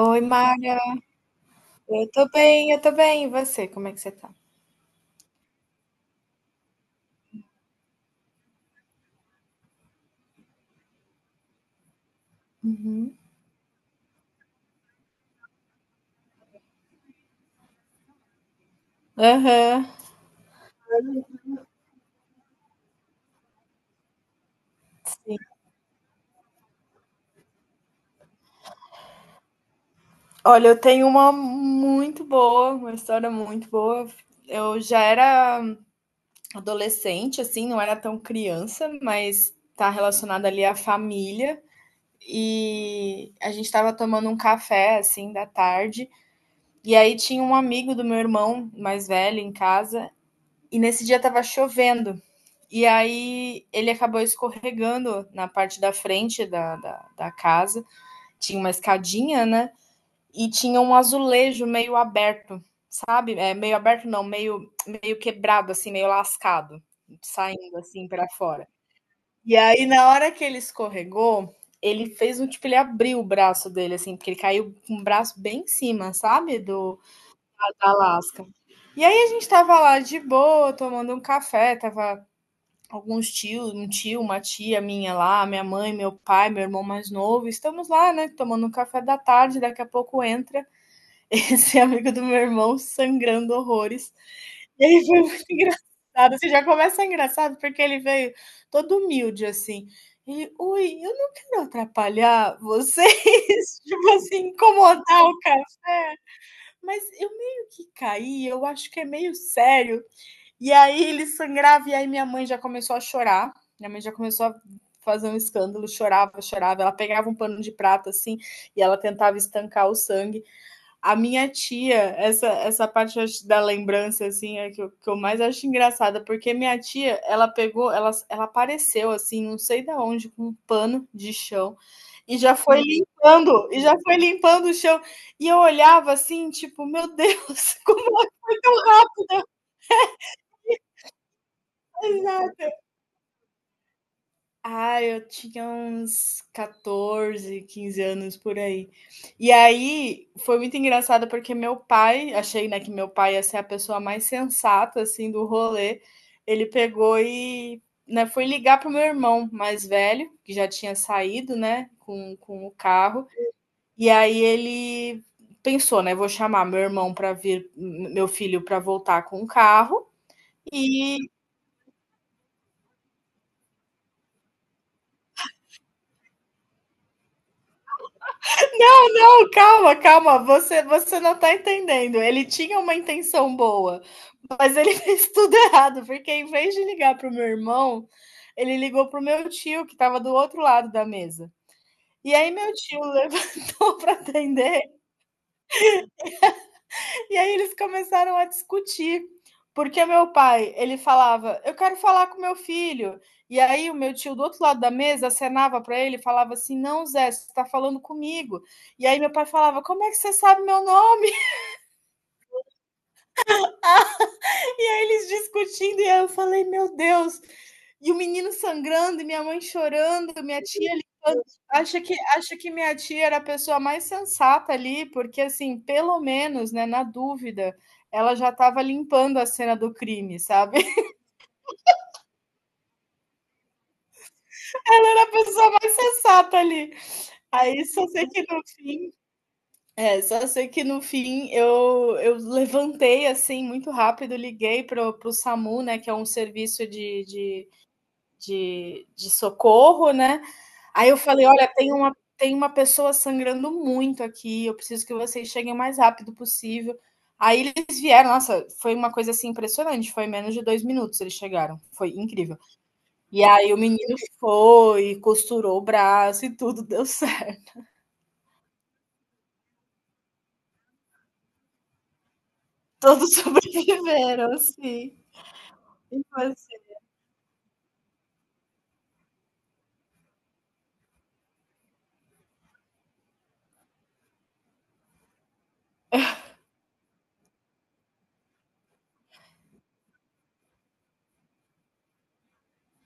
Oi, Mara. Eu tô bem, eu tô bem. E você, como é que você tá? Uhum. Aham. Sim. Olha, eu tenho uma história muito boa. Eu já era adolescente, assim, não era tão criança, mas tá relacionada ali à família. E a gente tava tomando um café, assim, da tarde. E aí tinha um amigo do meu irmão mais velho em casa. E nesse dia tava chovendo. E aí ele acabou escorregando na parte da frente da casa. Tinha uma escadinha, né? E tinha um azulejo meio aberto, sabe? É, meio aberto não, meio quebrado, assim, meio lascado, saindo assim para fora. E aí, na hora que ele escorregou, ele fez um tipo, ele abriu o braço dele, assim, porque ele caiu com o braço bem em cima, sabe? Do da lasca. E aí a gente tava lá de boa, tomando um café, tava alguns tios, um tio, uma tia minha lá, minha mãe, meu pai, meu irmão mais novo, estamos lá, né, tomando um café da tarde, daqui a pouco entra esse amigo do meu irmão sangrando horrores. E aí foi muito engraçado, você já começa engraçado porque ele veio todo humilde assim. Ele, ui, eu não quero atrapalhar vocês, tipo assim, incomodar o café, mas eu meio que caí, eu acho que é meio sério. E aí ele sangrava, e aí minha mãe já começou a chorar. Minha mãe já começou a fazer um escândalo, chorava, chorava. Ela pegava um pano de prata assim e ela tentava estancar o sangue. A minha tia, essa parte da lembrança assim é que eu mais acho engraçada, porque minha tia, ela pegou, ela apareceu assim, não sei da onde, com um pano de chão e já foi limpando, e já foi limpando o chão. E eu olhava assim, tipo, meu Deus, como ela foi tão. Ah, eu tinha uns 14, 15 anos por aí. E aí foi muito engraçado porque meu pai, achei, né, que meu pai ia ser a pessoa mais sensata assim do rolê. Ele pegou e, né, foi ligar pro meu irmão mais velho, que já tinha saído, né, com o carro. E aí ele pensou, né, vou chamar meu irmão para vir, meu filho para voltar com o carro. E não, não, calma, calma. Você não tá entendendo. Ele tinha uma intenção boa, mas ele fez tudo errado, porque em vez de ligar pro meu irmão, ele ligou pro meu tio, que tava do outro lado da mesa. E aí meu tio levantou para atender, e aí eles começaram a discutir. Porque meu pai, ele falava: "Eu quero falar com meu filho". E aí o meu tio do outro lado da mesa acenava para ele e falava assim: "Não, Zé, você está falando comigo". E aí meu pai falava: "Como é que você sabe meu nome?" E aí eles discutindo, e aí eu falei, meu Deus. E o menino sangrando, e minha mãe chorando, minha tia ligando. Acha que minha tia era a pessoa mais sensata ali, porque assim, pelo menos, né, na dúvida, ela já estava limpando a cena do crime, sabe? Ela era a pessoa mais sensata ali. Aí só sei que no fim eu levantei assim muito rápido, liguei pro, pro SAMU, né, que é um serviço de socorro, né? Aí eu falei: olha, tem uma pessoa sangrando muito aqui, eu preciso que vocês cheguem o mais rápido possível. Aí eles vieram, nossa, foi uma coisa assim impressionante, foi menos de 2 minutos eles chegaram, foi incrível. E aí o menino foi, costurou o braço e tudo deu certo. Todos sobreviveram, assim. Então, assim,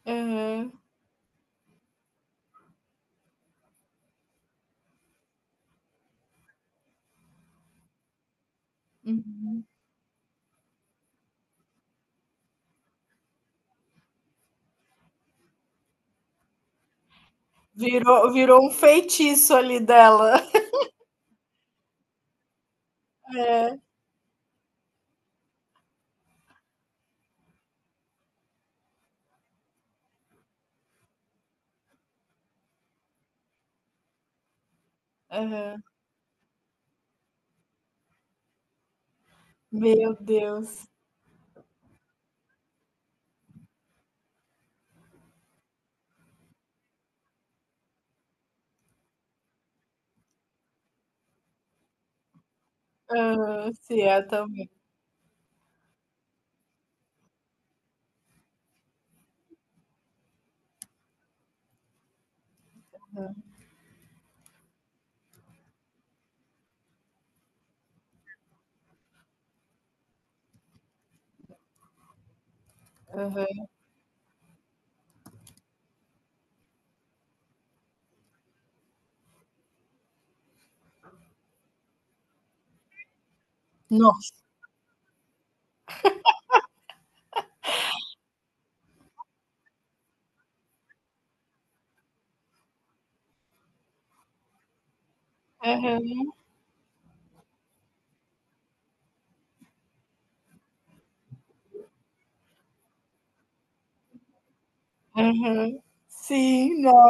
uhum, uhum. Virou, virou um feitiço ali dela. Uhum. Meu Deus. Uhum, sim, é, tá. Aham. Nossa. Aham, aham. Sim, não.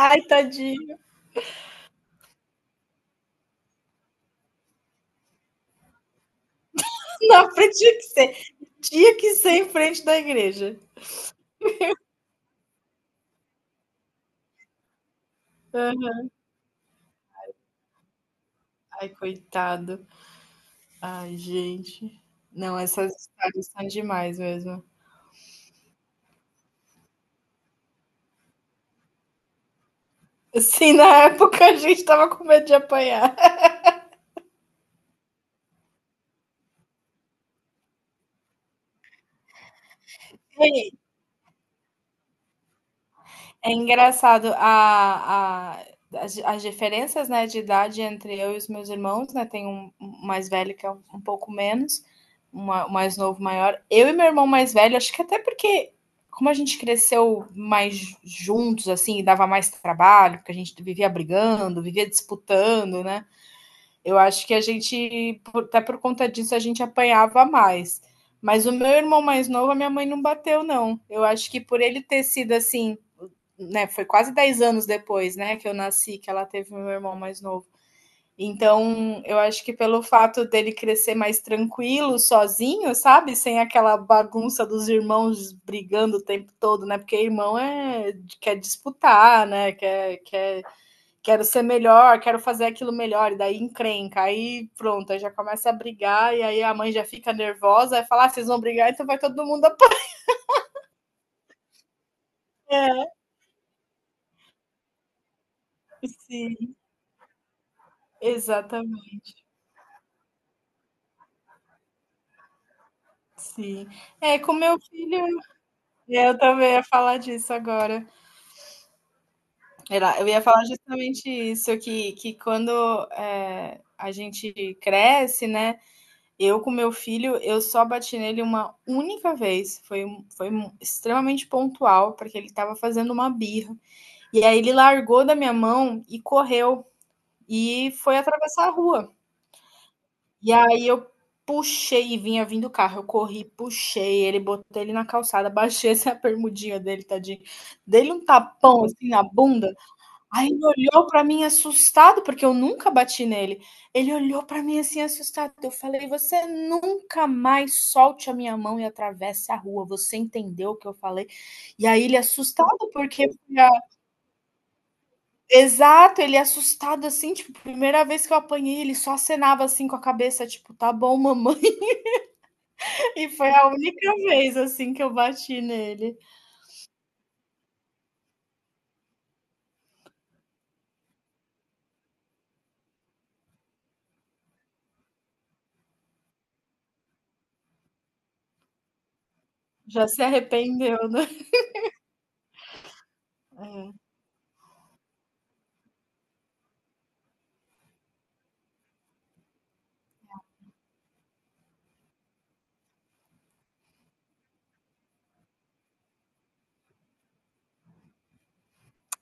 Ai, tadinho. Não, tinha que ser em frente da igreja. Aham. Ai, coitado. Ai, gente. Não, essas histórias são demais mesmo. Assim, na época a gente tava com medo de apanhar. É engraçado as diferenças, né, de idade entre eu e os meus irmãos, né? Tem um, um, mais velho que é um pouco menos, um mais novo, maior. Eu e meu irmão mais velho, acho que até porque, como a gente cresceu mais juntos, assim, dava mais trabalho, porque a gente vivia brigando, vivia disputando, né? Eu acho que a gente, até por conta disso, a gente apanhava mais. Mas o meu irmão mais novo, a minha mãe não bateu, não. Eu acho que por ele ter sido assim, né? Foi quase 10 anos depois, né, que eu nasci, que ela teve meu irmão mais novo. Então, eu acho que pelo fato dele crescer mais tranquilo, sozinho, sabe? Sem aquela bagunça dos irmãos brigando o tempo todo, né? Porque irmão é, quer disputar, né? Quero ser melhor, quero fazer aquilo melhor, e daí encrenca, aí pronto, aí já começa a brigar, e aí a mãe já fica nervosa, e fala, ah, vocês vão brigar, então vai todo mundo apanhar. Sim, exatamente, sim. É, com meu filho, é, eu também ia falar disso agora. Eu ia falar justamente isso, que quando é, a gente cresce, né, eu com meu filho, eu só bati nele uma única vez, foi extremamente pontual, porque ele estava fazendo uma birra. E aí ele largou da minha mão e correu e foi atravessar a rua. E aí eu puxei e vinha vindo o carro. Eu corri, puxei ele, botei ele na calçada, baixei essa a bermudinha dele, tadinho. Dei-lhe um tapão assim na bunda. Aí ele olhou para mim assustado, porque eu nunca bati nele. Ele olhou para mim assim assustado. Eu falei: "Você nunca mais solte a minha mão e atravesse a rua. Você entendeu o que eu falei?" E aí ele assustado porque foi. Exato, ele assustado, assim, tipo, primeira vez que eu apanhei, ele só acenava, assim, com a cabeça, tipo: "Tá bom, mamãe". E foi a única vez, assim, que eu bati nele. Já se arrependeu, né. É.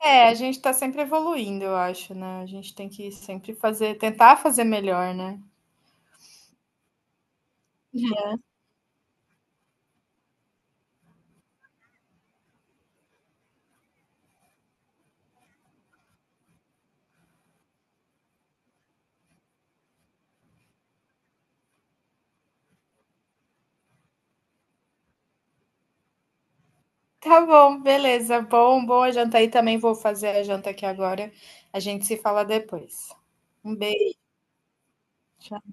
É, a gente tá sempre evoluindo, eu acho, né. A gente tem que sempre fazer tentar fazer melhor, né. Tá bom, beleza. Bom, boa janta aí, também vou fazer a janta aqui agora. A gente se fala depois. Um beijo. Tchau.